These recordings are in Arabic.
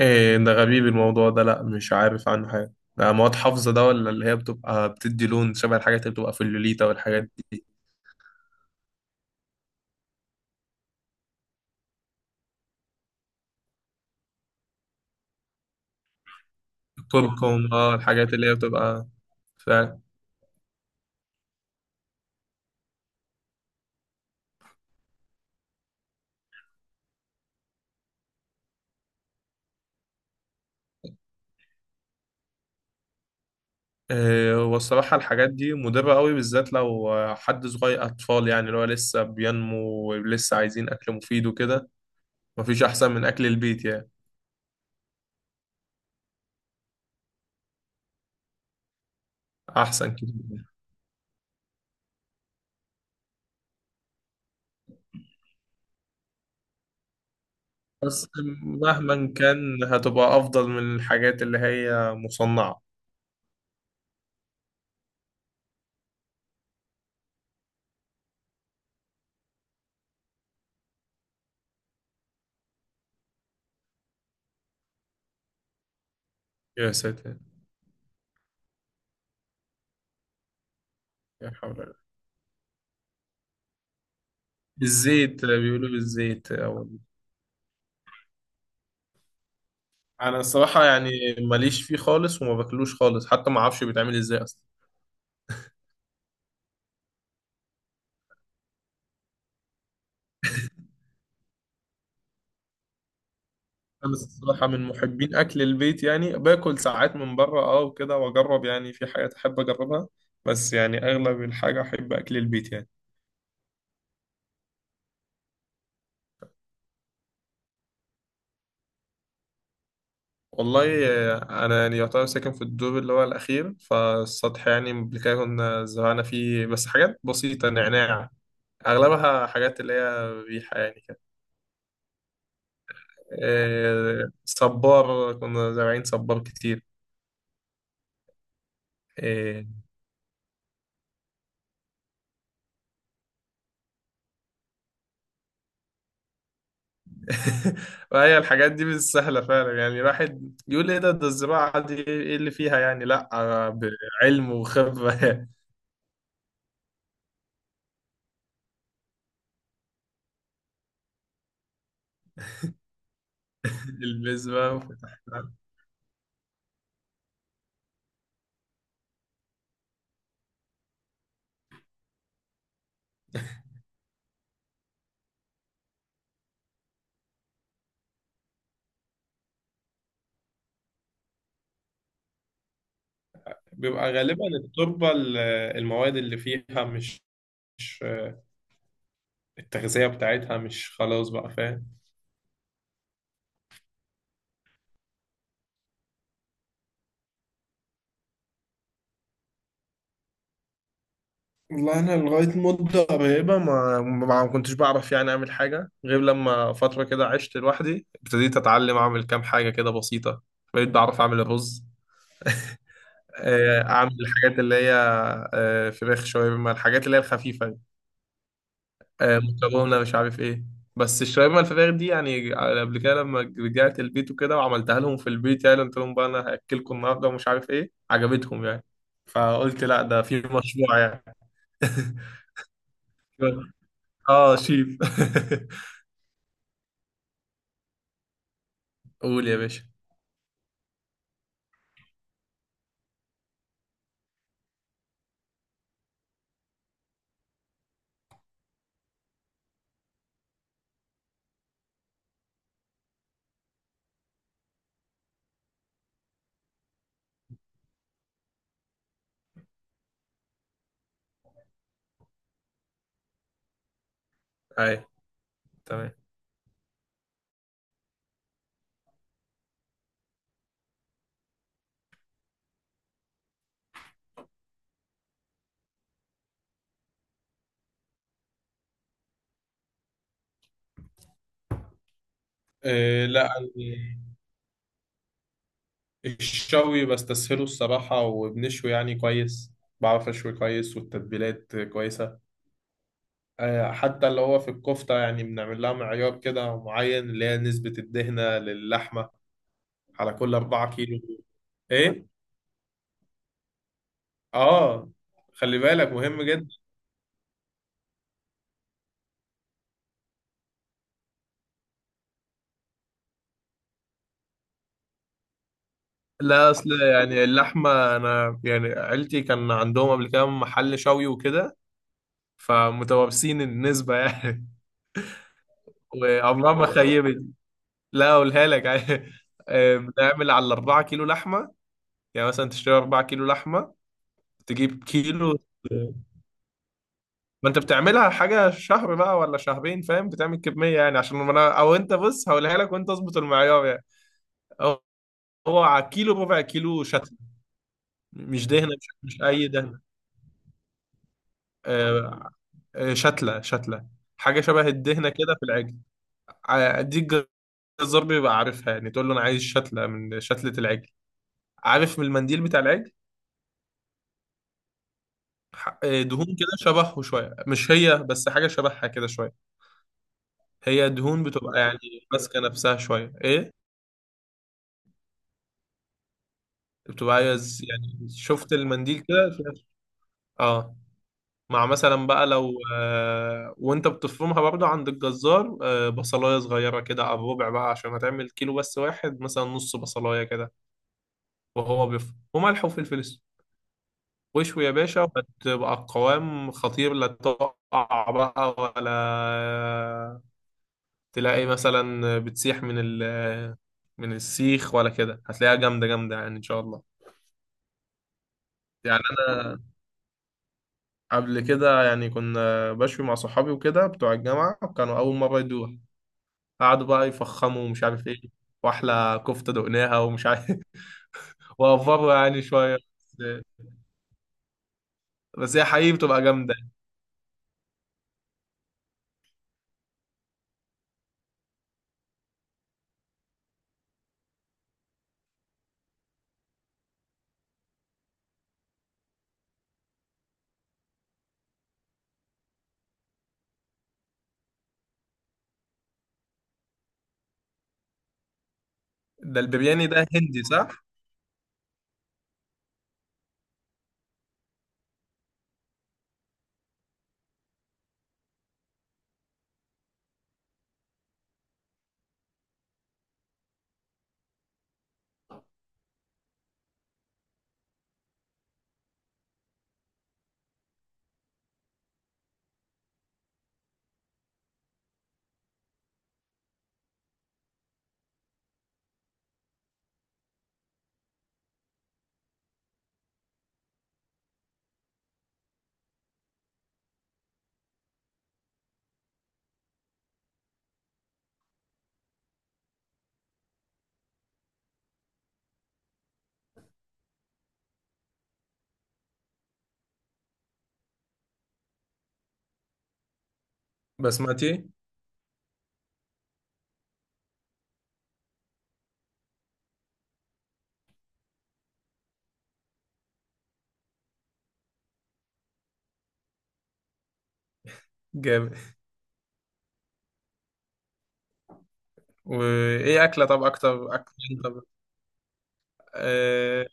ايه ده غريب الموضوع ده؟ لا، مش عارف عنه حاجة. ده مواد حافظة ده؟ ولا اللي هي بتبقى بتدي لون شبه الحاجات اللي بتبقى في اللوليتا والحاجات دي؟ الكركم، الحاجات اللي هي بتبقى فعلا. إيه هو الصراحة؟ الحاجات دي مضرة قوي، بالذات لو حد صغير، أطفال يعني اللي هو لسه بينمو ولسه عايزين أكل مفيد وكده. مفيش أحسن من أكل البيت يعني. أحسن كتير. بس مهما كان هتبقى أفضل من الحاجات اللي هي مصنعة. يا ساتر. يا حول. بالزيت، بيقولوا بالزيت أو... أنا الصراحة يعني ماليش فيه خالص وما باكلوش خالص، حتى ما أعرفش بيتعمل إزاي أصلا. أنا الصراحة من محبين أكل البيت، يعني باكل ساعات من بره أه وكده، وأجرب يعني في حاجات أحب أجربها. بس يعني أغلب الحاجة أحب أكل البيت يعني. والله أنا يعني يعتبر ساكن في الدور اللي هو الأخير، فالسطح يعني قبل كده كنا زرعنا فيه بس حاجات بسيطة، نعناع. أغلبها حاجات اللي هي ريحة يعني كده. صبار، كنا زارعين صبار كتير. آه، وهي الحاجات دي مش سهلة فعلا. يعني الواحد يقول ايه ده؟ ده الزراعة دي ايه اللي فيها يعني؟ لا، بعلم وخبرة. البذرة وفتحناها. بيبقى غالبا التربة المواد اللي فيها مش مش، آه، التغذية بتاعتها مش خلاص بقى، فاهم؟ والله انا لغايه مده قريبه ما كنتش بعرف يعني اعمل حاجه، غير لما فتره كده عشت لوحدي ابتديت اتعلم اعمل كام حاجه كده بسيطه. بقيت بعرف اعمل الرز. اعمل الحاجات اللي هي فراخ، شاورما، الحاجات اللي هي الخفيفه دي. مكرونه، مش عارف ايه. بس الشاورما الفراخ دي، يعني قبل كده لما رجعت البيت وكده وعملتها لهم في البيت، يعني قلت لهم بقى انا هاكلكم النهارده ومش عارف ايه، عجبتهم يعني. فقلت لا، ده في مشروع يعني. اه، شيف. قول يا باشا. هاي. تمام. آه لا، الشوي بستسهله الصراحة، وبنشوي يعني كويس. بعرف أشوي كويس، والتتبيلات كويسة. آه، حتى اللي هو في الكفتة يعني بنعمل لها معيار كده معين، اللي هي نسبة الدهنة للحمة، على كل 4 كيلو. إيه؟ آه. خلي بالك مهم جدا. لا أصل يعني اللحمة، أنا يعني عيلتي كان عندهم قبل كده محل شوي وكده، فمتوابسين النسبة يعني. وعمرها ما خيبت. لا، اقولها لك. بنعمل على الـ4 كيلو لحمة. يعني مثلا تشتري 4 كيلو لحمة، تجيب كيلو. ما انت بتعملها حاجة شهر بقى ولا شهرين، فاهم؟ بتعمل كمية يعني، عشان ما انا او انت، بص هقولها لك وانت اظبط المعيار يعني. هو، على كيلو ربع كيلو شتلة. مش دهنة، مش اي دهنة. آه، شتلة شتلة، حاجة شبه الدهنة كده في العجل، دي الجزار بيبقى عارفها يعني، تقول له انا عايز شتلة من شتلة العجل. عارف من المنديل بتاع العجل؟ دهون كده شبهه شوية، مش هي بس حاجة شبهها كده شوية. هي دهون بتبقى يعني ماسكة نفسها شوية، ايه. بتبقى عايز يعني، شفت المنديل كده فيها اه. مع مثلا بقى، لو وانت بتفرمها برضه عند الجزار بصلاية صغيرة كده على الربع بقى، عشان هتعمل كيلو بس واحد مثلا، نص بصلاية كده. وهو بيفرم، وملح وفلفل اسود، واشوي يا باشا، وهتبقى القوام خطير. لا تقع بقى ولا تلاقي مثلا بتسيح من ال من السيخ ولا كده، هتلاقيها جامدة جامدة يعني إن شاء الله. يعني أنا قبل كده يعني كنا بشوي مع صحابي وكده بتوع الجامعة، وكانوا أول مرة يدوها. قعدوا بقى يفخموا ومش عارف إيه، وأحلى كفتة دقناها ومش عارف. وأفروا يعني شوية. بس بس هي حقيقي بتبقى جامدة. ده البرياني ده هندي، صح؟ بسمتي. جامد. وإيه أكلة، طب أكتر أكتر؟ طب آه...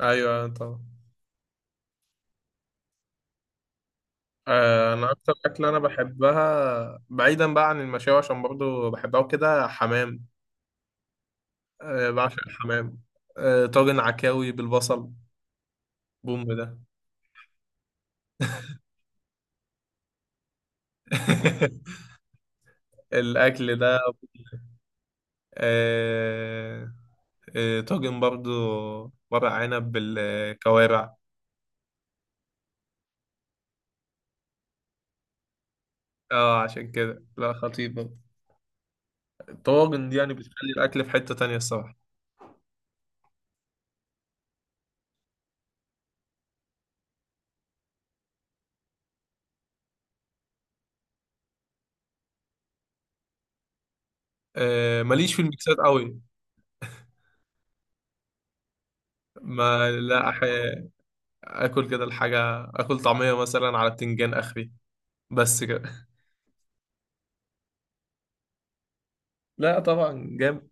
أيوه طبعا. انا اكتر اكله انا بحبها بعيدا بقى عن المشاوي، عشان برضو بحبها وكده، حمام. أه، بعشق الحمام. أه، طاجن عكاوي بالبصل. بوم ده. الاكل ده، أه، أه طاجن برضو، ورق عنب بالكوارع. اه عشان كده، لا، خطير برضو. الطواجن دي يعني بتخلي الاكل في حتة تانية الصراحة. أه، ماليش في الميكسات قوي. ما لا أح... اكل كده الحاجة، اكل طعمية مثلا على بتنجان اخري، بس كده. لا طبعا جامد.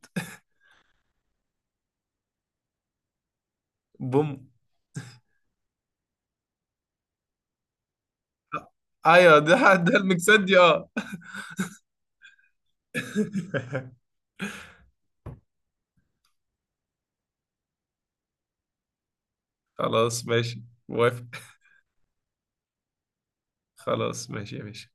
بوم. ايوه ده ده المكسات دي، اه. خلاص ماشي، موافق. خلاص ماشي يا باشا.